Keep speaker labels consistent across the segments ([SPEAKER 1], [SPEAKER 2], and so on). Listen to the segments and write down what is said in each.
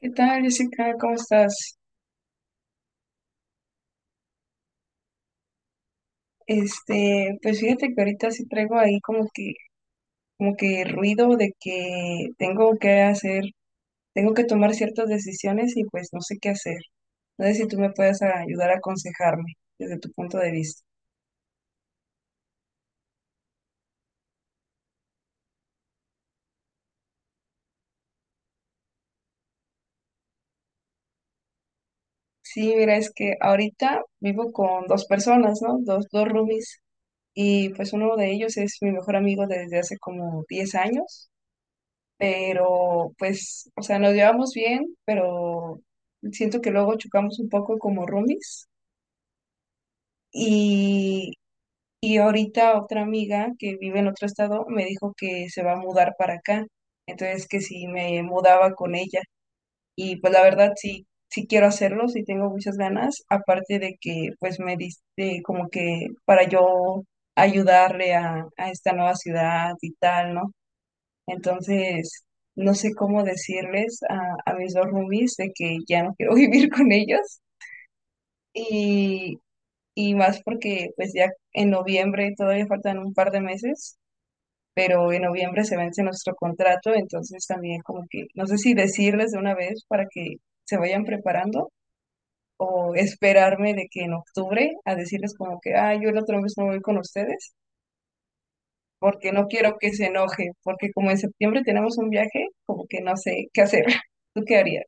[SPEAKER 1] ¿Qué tal, Jessica? ¿Cómo estás? Pues fíjate que ahorita sí traigo ahí como que ruido de que tengo que hacer, tengo que tomar ciertas decisiones y pues no sé qué hacer. No sé si tú me puedes ayudar a aconsejarme desde tu punto de vista. Sí, mira, es que ahorita vivo con dos personas, ¿no? Dos roomies. Y pues uno de ellos es mi mejor amigo desde hace como 10 años. Pero pues, o sea, nos llevamos bien, pero siento que luego chocamos un poco como roomies. Y, y ahorita otra amiga que vive en otro estado me dijo que se va a mudar para acá, entonces que si me mudaba con ella. Y pues la verdad sí, sí quiero hacerlo, sí tengo muchas ganas, aparte de que pues me diste como que para yo ayudarle a esta nueva ciudad y tal, ¿no? Entonces, no sé cómo decirles a mis dos roomies de que ya no quiero vivir con ellos. Y, y más porque pues ya en noviembre todavía faltan un par de meses, pero en noviembre se vence nuestro contrato, entonces también como que no sé si decirles de una vez para que se vayan preparando o esperarme de que en octubre a decirles como que, ah, yo el otro mes no voy con ustedes porque no quiero que se enoje, porque como en septiembre tenemos un viaje, como que no sé qué hacer. ¿Tú qué harías?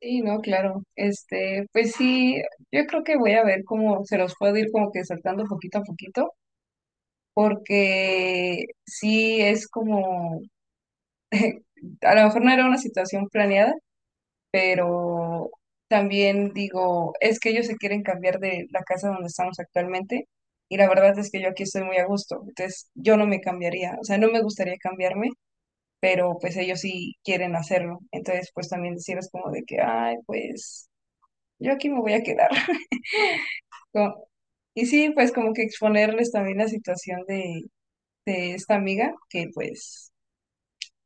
[SPEAKER 1] Sí, no, claro. Pues sí, yo creo que voy a ver cómo se los puedo ir como que saltando poquito a poquito, porque sí es como, a lo mejor no era una situación planeada, pero también digo, es que ellos se quieren cambiar de la casa donde estamos actualmente y la verdad es que yo aquí estoy muy a gusto, entonces yo no me cambiaría, o sea, no me gustaría cambiarme, pero pues ellos sí quieren hacerlo. Entonces, pues también decirles como de que, ay, pues yo aquí me voy a quedar. Como... Y sí, pues como que exponerles también la situación de esta amiga, que pues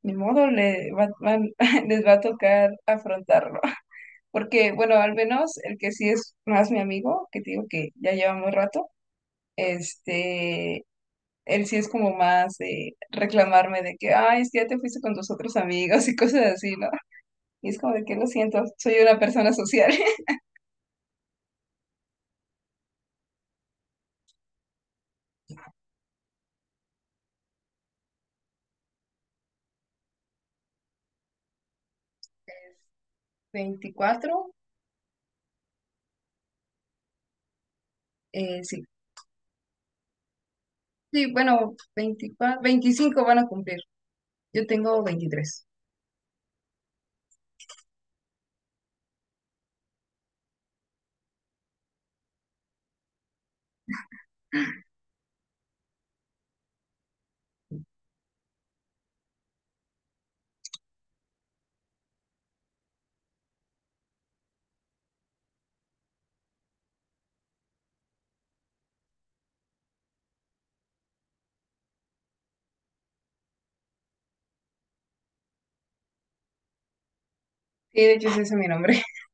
[SPEAKER 1] ni modo le va- van- les va a tocar afrontarlo. Porque, bueno, al menos el que sí es más mi amigo, que te digo que ya llevamos rato, este... Él sí es como más de reclamarme de que, ay, es que ya te fuiste con tus otros amigos y cosas así, ¿no? Y es como de que lo siento, soy una persona social. 24. Eh, sí. Sí, bueno, 24, 25 van a cumplir. Yo tengo 23. Sí, de hecho, ese es mi nombre.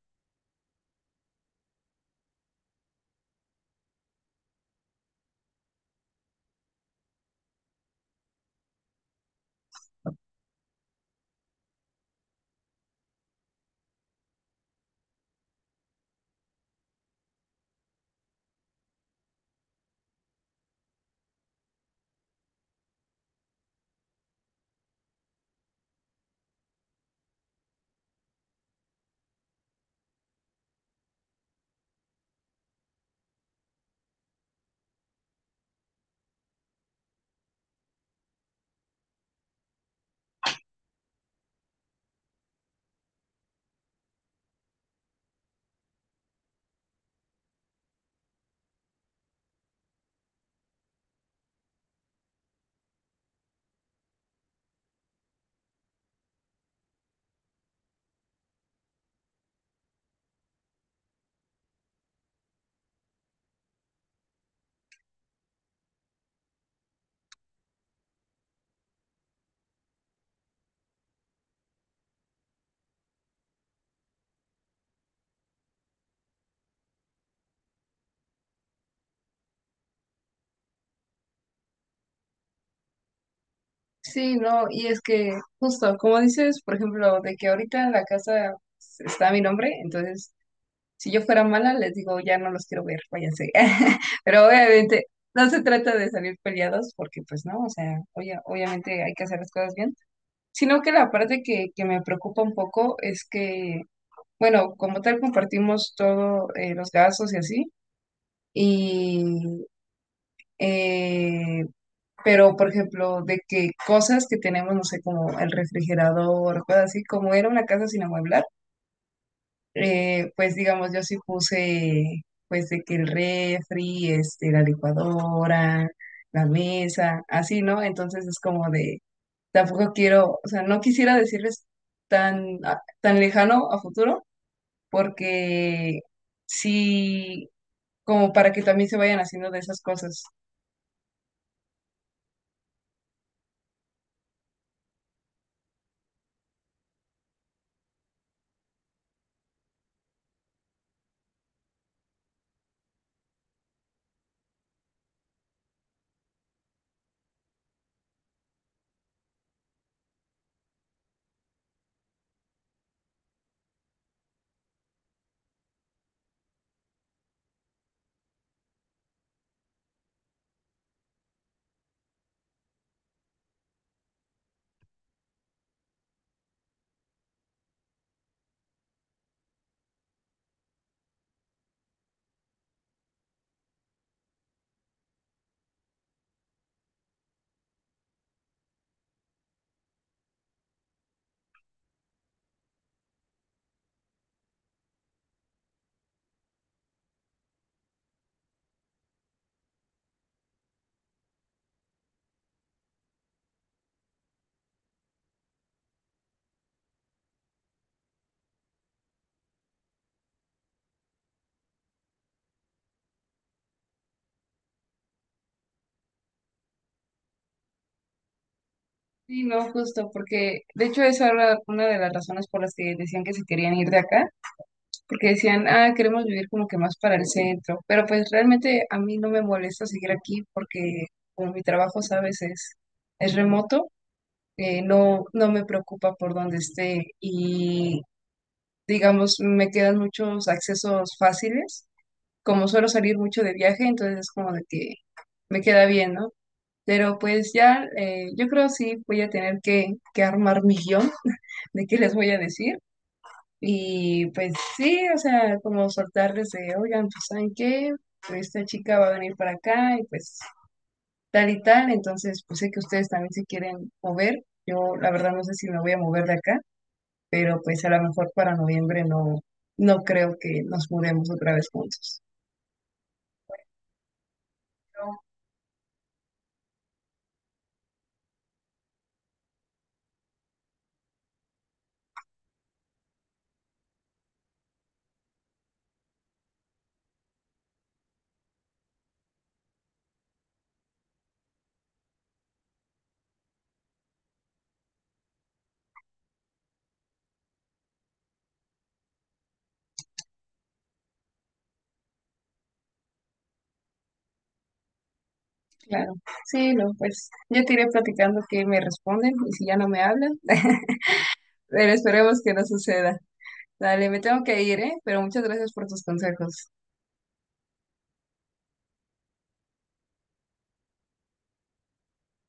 [SPEAKER 1] Sí, no, y es que justo, como dices, por ejemplo, de que ahorita en la casa está mi nombre, entonces, si yo fuera mala, les digo, ya no los quiero ver, váyanse. Pero obviamente, no se trata de salir peleados, porque pues no, o sea, obvia- obviamente hay que hacer las cosas bien. Sino que la parte que me preocupa un poco es que, bueno, como tal compartimos todo, los gastos y así, y, eh, pero por ejemplo, de que cosas que tenemos, no sé, como el refrigerador, cosas así, como era una casa sin amueblar, pues digamos, yo sí puse, pues de que el refri, este, la licuadora, la mesa, así, ¿no? Entonces es como de tampoco quiero, o sea, no quisiera decirles tan, a- tan lejano a futuro, porque sí, como para que también se vayan haciendo de esas cosas. Sí, no, justo, porque de hecho eso era una de las razones por las que decían que se querían ir de acá, porque decían, ah, queremos vivir como que más para el centro, pero pues realmente a mí no me molesta seguir aquí porque como mi trabajo, sabes, es remoto, no, no me preocupa por dónde esté y digamos, me quedan muchos accesos fáciles. Como suelo salir mucho de viaje, entonces es como de que me queda bien, ¿no? Pero pues ya, yo creo sí voy a tener que armar mi guión de qué les voy a decir. Y pues sí, o sea, como soltarles de, oigan, pues ¿saben qué? Pues, esta chica va a venir para acá y pues tal y tal. Entonces, pues sé que ustedes también se quieren mover. Yo la verdad no sé si me voy a mover de acá, pero pues a lo mejor para noviembre no, no creo que nos mudemos otra vez juntos. Claro, sí, no, pues yo te iré platicando que me responden y si ya no me hablan, pero esperemos que no suceda. Dale, me tengo que ir, ¿eh? Pero muchas gracias por tus consejos.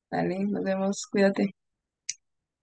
[SPEAKER 1] Dale, nos vemos, cuídate.